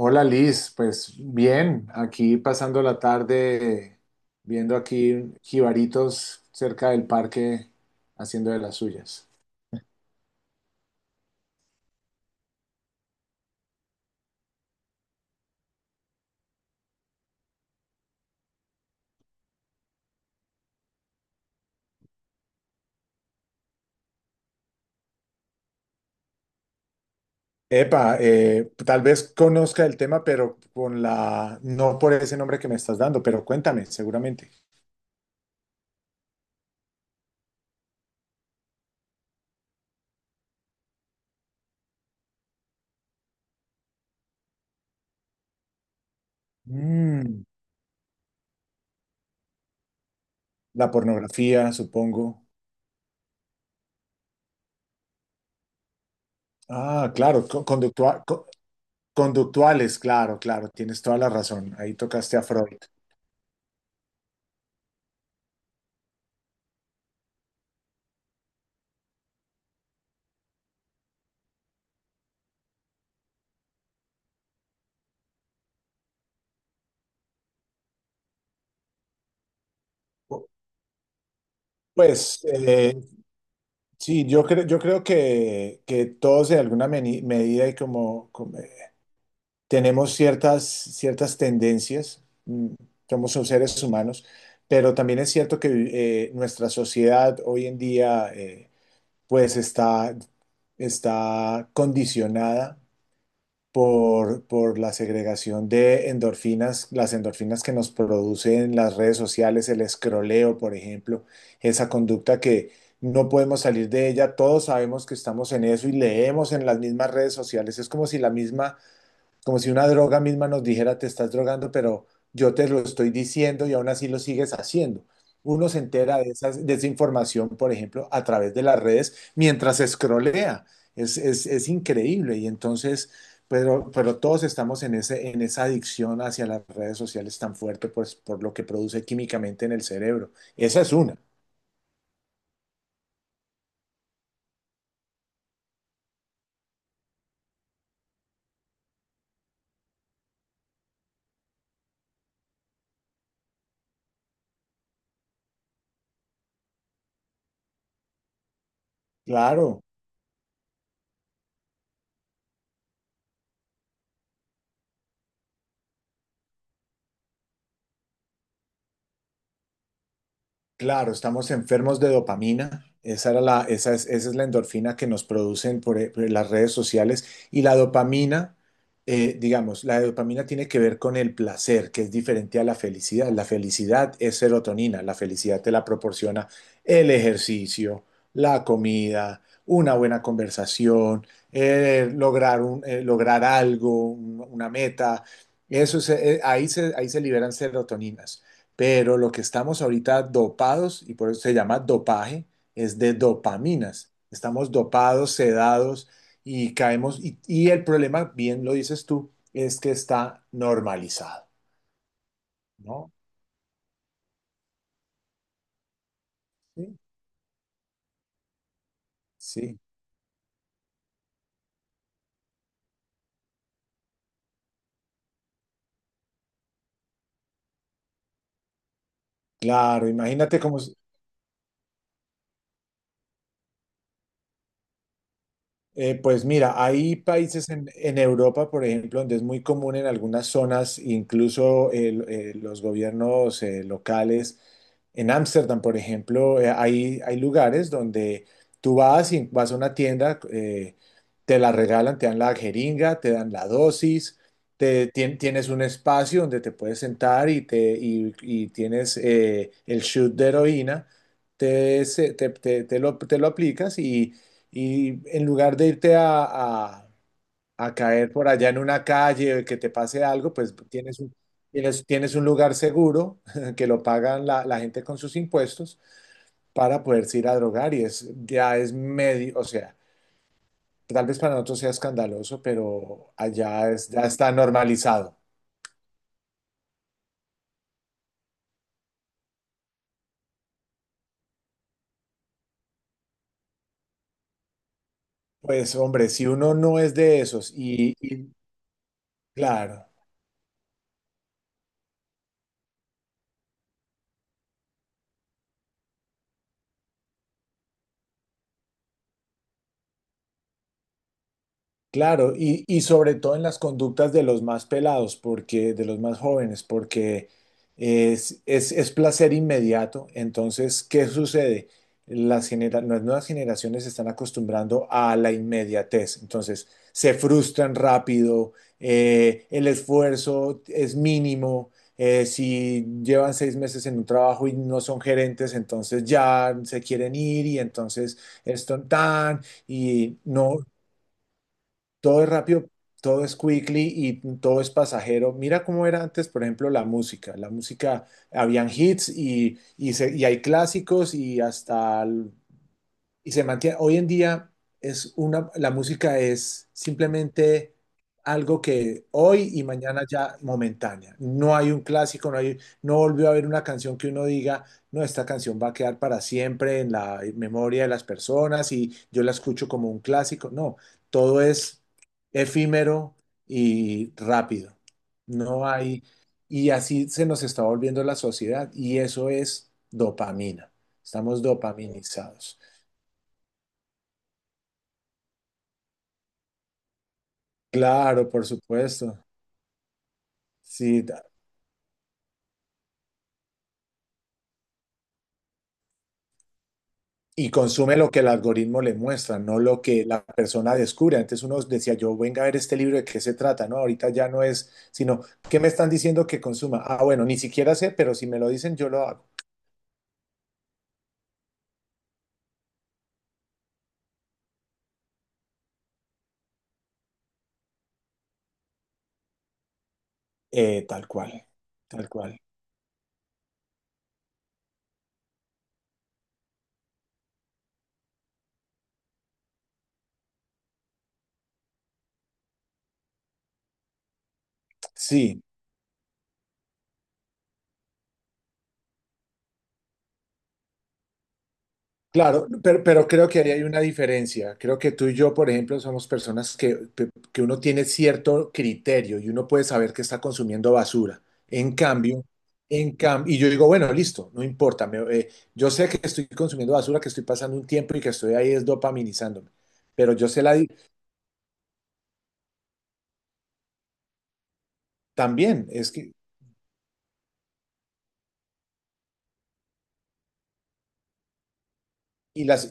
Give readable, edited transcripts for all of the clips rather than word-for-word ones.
Hola Liz, pues bien, aquí pasando la tarde viendo aquí jibaritos cerca del parque haciendo de las suyas. Epa, tal vez conozca el tema, pero no por ese nombre que me estás dando, pero cuéntame, seguramente. Mm, la pornografía, supongo. Ah, claro, conductuales, claro, claro, tienes toda la razón. Ahí tocaste a Freud. Pues, eh, Sí, yo creo que todos en alguna medida y tenemos ciertas tendencias, somos seres humanos, pero también es cierto que nuestra sociedad hoy en día pues está, está condicionada por la segregación de endorfinas, las endorfinas que nos producen las redes sociales, el escroleo, por ejemplo, esa conducta que no podemos salir de ella. Todos sabemos que estamos en eso y leemos en las mismas redes sociales. Es como si la misma, como si una droga misma nos dijera te estás drogando, pero yo te lo estoy diciendo y aún así lo sigues haciendo. Uno se entera de esa información, por ejemplo, a través de las redes mientras escrolea. Es increíble y entonces, pero todos estamos en en esa adicción hacia las redes sociales tan fuerte pues, por lo que produce químicamente en el cerebro. Esa es una. Claro. Claro, estamos enfermos de dopamina. Esa era la, esa es, Esa es la endorfina que nos producen por las redes sociales. Y la dopamina, digamos, la dopamina tiene que ver con el placer, que es diferente a la felicidad. La felicidad es serotonina. La felicidad te la proporciona el ejercicio, la comida, una buena conversación, lograr algo, una meta. Eso se- ahí se, ahí se liberan serotoninas. Pero lo que estamos ahorita dopados, y por eso se llama dopaje, es de dopaminas. Estamos dopados, sedados y caemos. Y el problema, bien lo dices tú, es que está normalizado, ¿no? Sí, sí. Claro, imagínate cómo... Pues mira, hay países en Europa, por ejemplo, donde es muy común en algunas zonas, incluso los gobiernos locales, en Ámsterdam, por ejemplo. Hay lugares donde tú vas y vas a una tienda. Te la regalan, te dan la jeringa, te dan la dosis, tienes un espacio donde te puedes sentar y y tienes el shoot de heroína, te, se- te, te lo aplicas y en lugar de a caer por allá en una calle, que te pase algo, pues tienes, tienes un lugar seguro que lo pagan la gente con sus impuestos para poderse ir a drogar y es, ya es medio, o sea, tal vez para nosotros sea escandaloso, pero allá es, ya está normalizado. Pues hombre, si uno no es de esos claro. Claro, y sobre todo en las conductas de los más pelados, porque de los más jóvenes, porque es placer inmediato. Entonces, ¿qué sucede? Las nuevas generaciones se están acostumbrando a la inmediatez. Entonces, se frustran rápido, el esfuerzo es mínimo. Si llevan 6 meses en un trabajo y no son gerentes, entonces ya se quieren ir y entonces esto tan y no, todo es rápido, todo es quickly y todo es pasajero. Mira cómo era antes, por ejemplo, la música. La música, habían hits y hay clásicos y hasta y se mantiene. Hoy en día es una, la música es simplemente algo que hoy y mañana ya momentánea. No hay un clásico, no hay, no volvió a haber una canción que uno diga, no, esta canción va a quedar para siempre en la memoria de las personas y yo la escucho como un clásico. No, todo es efímero y rápido. No hay, y así se nos está volviendo la sociedad y eso es dopamina. Estamos dopaminizados. Claro, por supuesto. Sí, da- y consume lo que el algoritmo le muestra, no lo que la persona descubre. Antes uno decía, yo venga a ver este libro de qué se trata, ¿no? Ahorita ya no es, sino, ¿qué me están diciendo que consuma? Ah, bueno, ni siquiera sé, pero si me lo dicen, yo lo hago. Tal cual, tal cual. Sí. Claro, pero creo que ahí hay una diferencia. Creo que tú y yo, por ejemplo, somos personas que uno tiene cierto criterio y uno puede saber que está consumiendo basura. En cambio, en cam- y yo digo, bueno, listo, no importa. Yo sé que estoy consumiendo basura, que estoy pasando un tiempo y que estoy ahí es dopaminizándome. Pero yo sé la... di- También, es que Y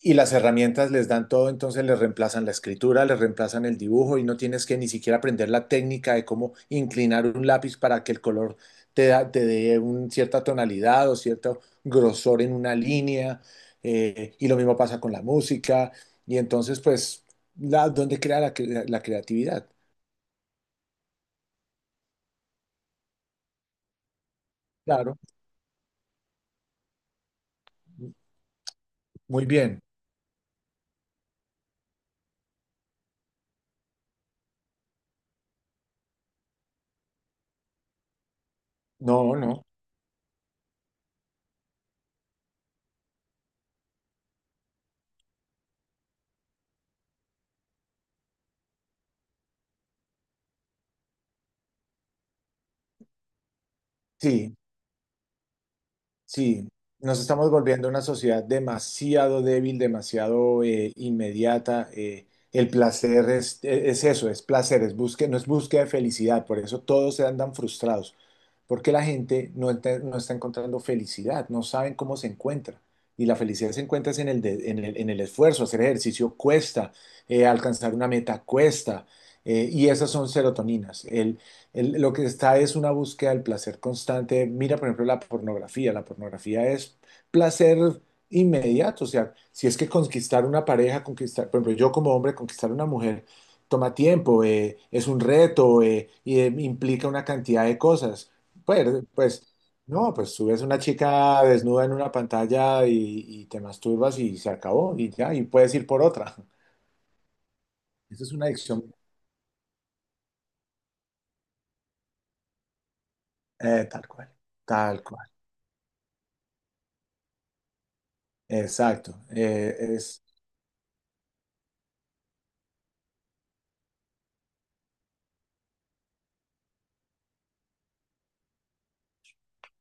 y las herramientas les dan todo, entonces les reemplazan la escritura, les reemplazan el dibujo y no tienes que ni siquiera aprender la técnica de cómo inclinar un lápiz para que el color te dé una cierta tonalidad o cierto grosor en una línea. Y lo mismo pasa con la música. Y entonces, pues, ¿dónde crea la creatividad? Claro, muy bien. No, no. Sí. Sí, nos estamos volviendo una sociedad demasiado débil, demasiado inmediata. El placer es eso, es placer, es búsqueda, no es búsqueda de felicidad. Por eso todos se andan frustrados, porque la gente no, ente- no está encontrando felicidad, no saben cómo se encuentra. Y la felicidad se encuentra es en el, de- en el esfuerzo. Hacer ejercicio cuesta, alcanzar una meta cuesta, y esas son serotoninas. Lo que está es una búsqueda del placer constante. Mira, por ejemplo, la pornografía. La pornografía es placer inmediato. O sea, si es que conquistar una pareja, conquistar, por ejemplo, yo como hombre, conquistar una mujer toma tiempo, es un reto implica una cantidad de cosas. Pues, pues, no, Pues tú ves una chica desnuda en una pantalla y te masturbas y se acabó y ya, y puedes ir por otra. Eso es una adicción. Tal cual, tal cual. Exacto. Es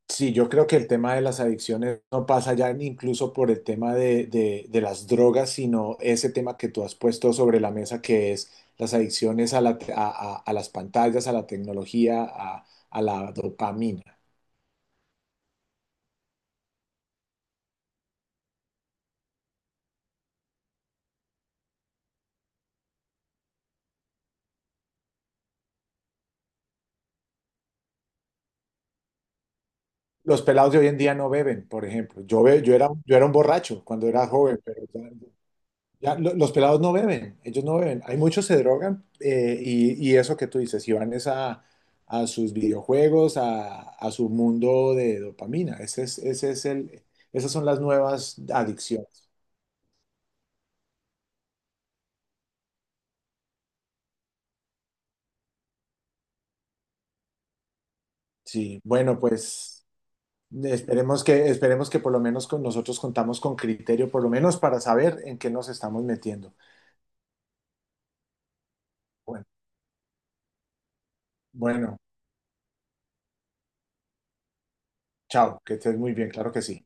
Sí, yo creo que el tema de las adicciones no pasa ya ni incluso por el tema de las drogas, sino ese tema que tú has puesto sobre la mesa, que es las adicciones a las pantallas, a la tecnología, a la dopamina. Los pelados de hoy en día no beben, por ejemplo. Yo era un borracho cuando era joven, Ya, los pelados no beben, ellos no beben. Hay muchos se drogan y eso que tú dices, y a sus videojuegos, a su mundo de dopamina. Ese es el, esas son las nuevas adicciones. Sí, bueno, pues esperemos que por lo menos con nosotros contamos con criterio, por lo menos para saber en qué nos estamos metiendo. Bueno, bueno, chao, que estés muy bien, claro que sí.